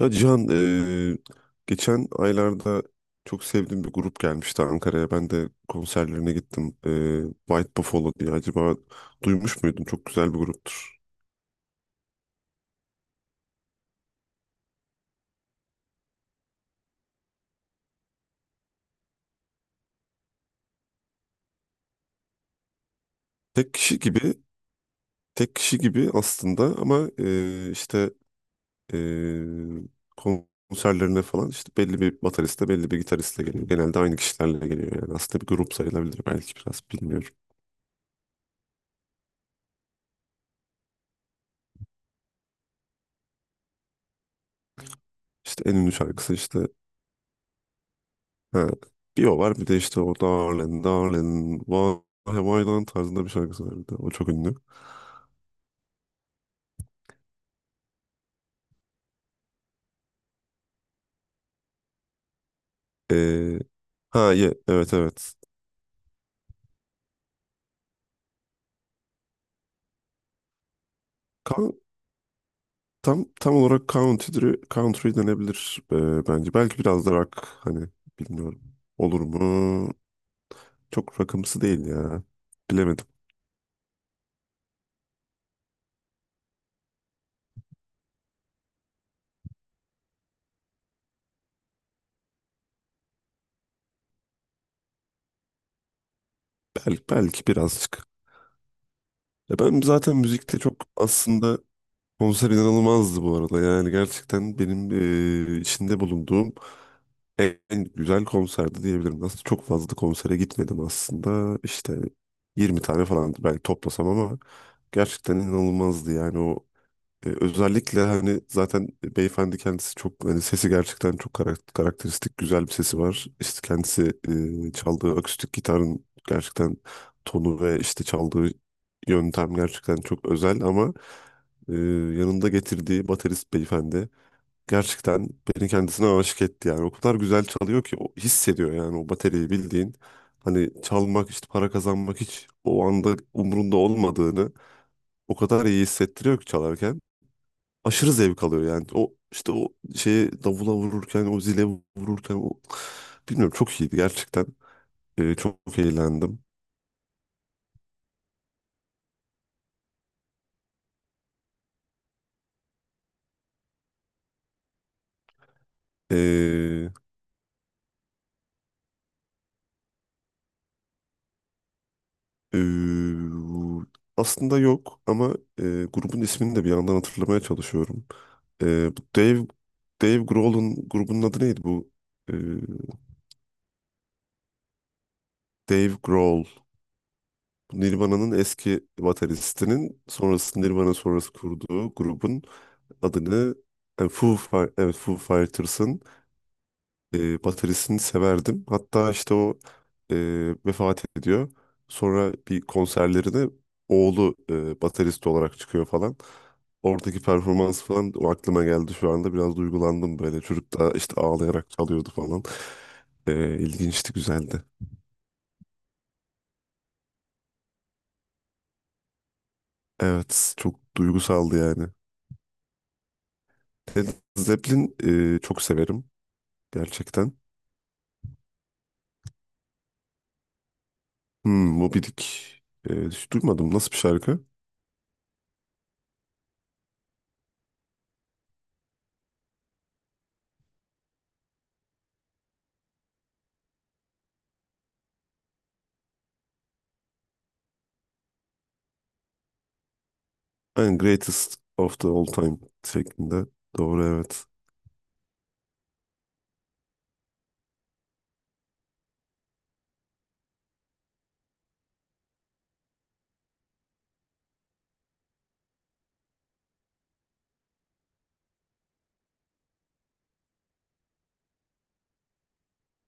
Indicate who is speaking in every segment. Speaker 1: Ya Cihan, geçen aylarda çok sevdiğim bir grup gelmişti Ankara'ya. Ben de konserlerine gittim. White Buffalo diye. Acaba duymuş muydun? Çok güzel bir gruptur. Tek kişi gibi, tek kişi gibi aslında ama işte eee, konserlerine falan işte belli bir bateriste, belli bir gitaristle geliyor. Genelde aynı kişilerle geliyor yani. Aslında bir grup sayılabilir belki biraz bilmiyorum. İşte en ünlü şarkısı işte. Ha, bir o var bir de işte o Darling Darling Why Why Darling tarzında bir şarkısı var bir de. O çok ünlü. Ee, evet evet. Kan- tam olarak country, country denebilir bence. Belki biraz da rock hani bilmiyorum. Olur mu? Çok rockımsı değil ya. Bilemedim. Belki birazcık. Ya ben zaten müzikte çok aslında konser inanılmazdı bu arada. Yani gerçekten benim içinde bulunduğum en güzel konserdi diyebilirim. Aslında çok fazla da konsere gitmedim aslında. İşte 20 tane falan belki toplasam ama gerçekten inanılmazdı. Yani o özellikle hani zaten beyefendi kendisi çok hani sesi gerçekten çok karakteristik güzel bir sesi var. İşte kendisi çaldığı akustik gitarın gerçekten tonu ve işte çaldığı yöntem gerçekten çok özel ama e, yanında getirdiği baterist beyefendi gerçekten beni kendisine aşık etti yani. O kadar güzel çalıyor ki o hissediyor yani o bateriyi bildiğin. Hani çalmak işte para kazanmak hiç o anda umurunda olmadığını o kadar iyi hissettiriyor ki çalarken. Aşırı zevk alıyor yani. O işte o şeyi davula vururken o zile vururken o, bilmiyorum, çok iyiydi gerçekten. Çok eğlendim. Ee, Ee, aslında yok ama grubun ismini de bir yandan hatırlamaya çalışıyorum. Bu Dave Dave Grohl'un grubunun adı neydi bu? Ee, Dave Grohl. Bu Nirvana'nın eski bateristinin sonrası Nirvana sonrası kurduğu grubun adını, yani Foo, evet, Foo Fighters'ın bataryasını severdim. Hatta işte o e, vefat ediyor. Sonra bir konserlerine oğlu baterist olarak çıkıyor falan. Oradaki performans falan o aklıma geldi şu anda. Biraz duygulandım böyle. Çocuk da işte ağlayarak çalıyordu falan. İlginçti, güzeldi. Evet, çok duygusaldı yani. Led Zeppelin çok severim gerçekten. Hmm, Moby Dick. Hiç duymadım. Nasıl bir şarkı? Yani Greatest of the All Time şeklinde. Doğru evet.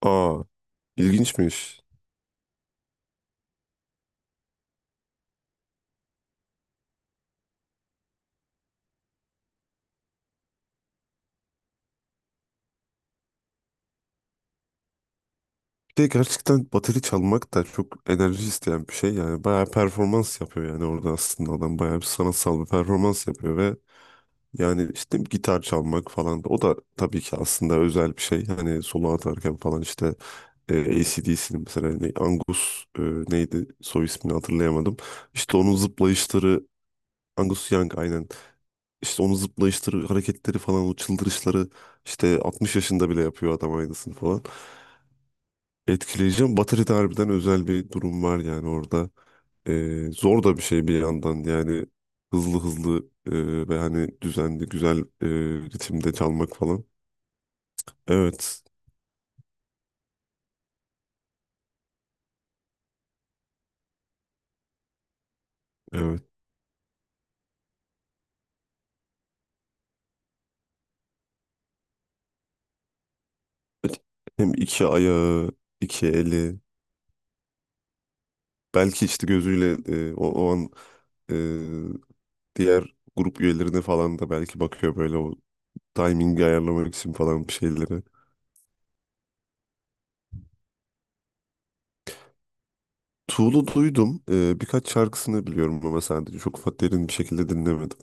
Speaker 1: Aa, ilginçmiş. Bir de gerçekten bateri çalmak da çok enerji isteyen bir şey. Yani bayağı performans yapıyor yani orada aslında adam bayağı bir sanatsal bir performans yapıyor ve yani işte gitar çalmak falan o da tabii ki aslında özel bir şey. Hani solo atarken falan işte D dcnin mesela Angus neydi soy ismini hatırlayamadım. İşte onun zıplayışları. Angus Young aynen. İşte onun zıplayışları, hareketleri falan o çıldırışları işte 60 yaşında bile yapıyor adam aynısını falan. Etkileyeceğim. Batarya'da harbiden özel bir durum var yani orada. Zor da bir şey bir yandan yani hızlı hızlı, ve hani düzenli güzel ritimde çalmak falan. Evet, evet. Hem iki ayağı, iki eli, belki işte gözüyle o an e, diğer grup üyelerine falan da belki bakıyor böyle o timingi ayarlamak için falan bir şeyleri. Tool'u duydum. Birkaç şarkısını biliyorum ama sadece çok derin bir şekilde dinlemedim.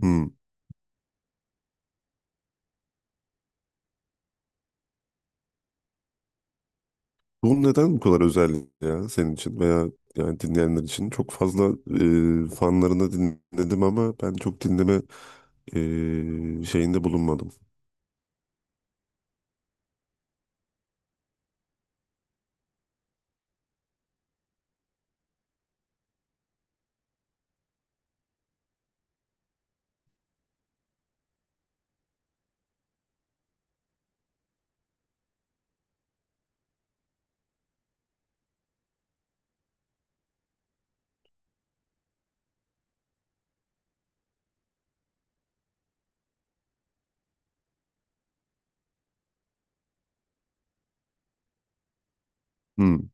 Speaker 1: Hmm. Bu neden bu kadar özel ya senin için veya yani dinleyenler için? Çok fazla fanlarını dinledim ama ben çok dinleme şeyinde bulunmadım. Hmm.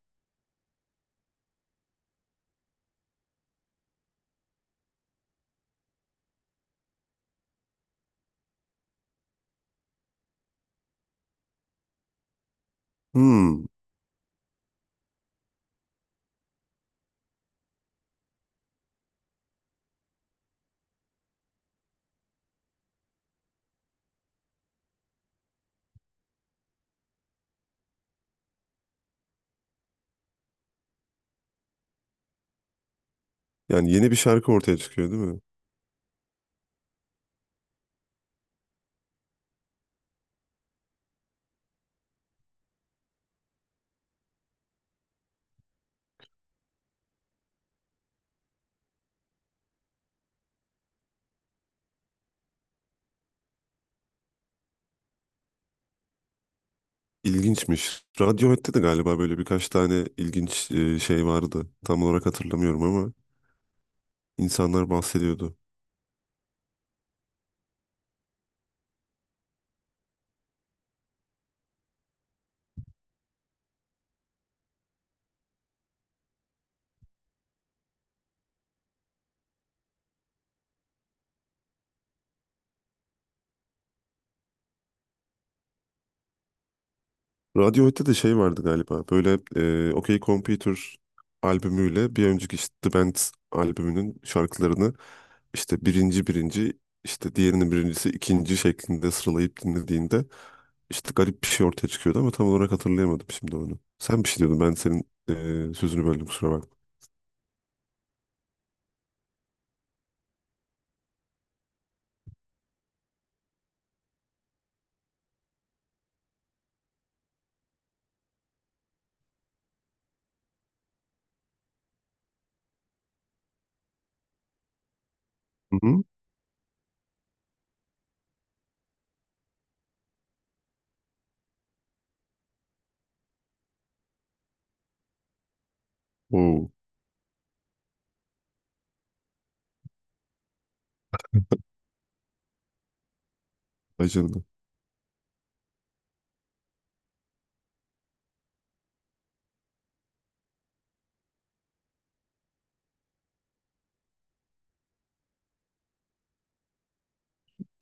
Speaker 1: Hmm. Yani yeni bir şarkı ortaya çıkıyor değil mi? İlginçmiş. Radiohead'te de galiba böyle birkaç tane ilginç şey vardı. Tam olarak hatırlamıyorum ama insanlar bahsediyordu. Radiohead'de de şey vardı galiba. Böyle OK Computer albümüyle bir önceki işte The Band albümünün şarkılarını işte birinci işte diğerinin birincisi ikinci şeklinde sıralayıp dinlediğinde işte garip bir şey ortaya çıkıyordu ama tam olarak hatırlayamadım şimdi onu. Sen bir şey diyordun ben senin sözünü böldüm kusura bakma. Hı hı. Oo, vay canına.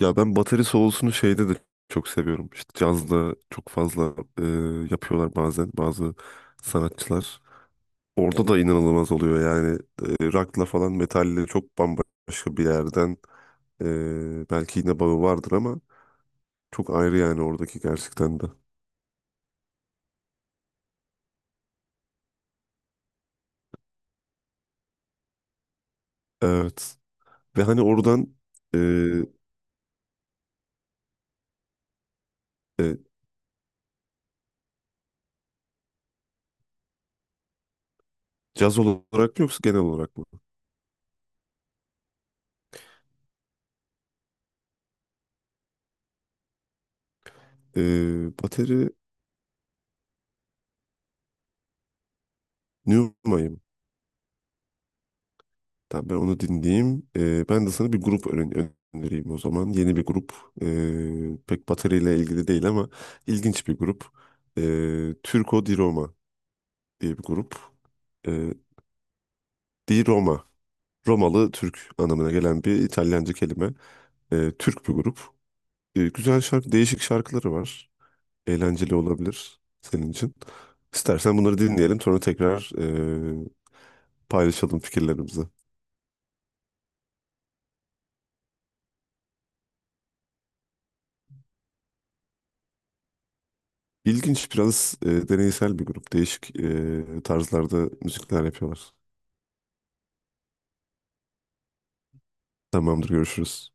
Speaker 1: Ya ben bateri solosunu şeyde de çok seviyorum. İşte cazda çok fazla e, yapıyorlar bazen bazı sanatçılar. Orada da inanılmaz oluyor yani rock'la falan metalle çok bambaşka bir yerden e, belki yine bağı vardır ama çok ayrı yani oradaki gerçekten de. Evet ve hani oradan e, e, caz olarak mı yoksa genel olarak mı? E, bateri Newmay'ım. Tamam ben onu dinleyeyim. Ben de sana bir grup önereyim o zaman. Yeni bir grup. Pek bateriyle ilgili değil ama ilginç bir grup. E, Turco di Roma diye bir grup. E, di Roma. Romalı Türk anlamına gelen bir İtalyanca kelime. Türk bir grup. Güzel şarkı, değişik şarkıları var. Eğlenceli olabilir senin için. İstersen bunları dinleyelim sonra tekrar e, paylaşalım fikirlerimizi. İlginç biraz deneysel bir grup. Değişik tarzlarda müzikler yapıyorlar. Tamamdır görüşürüz.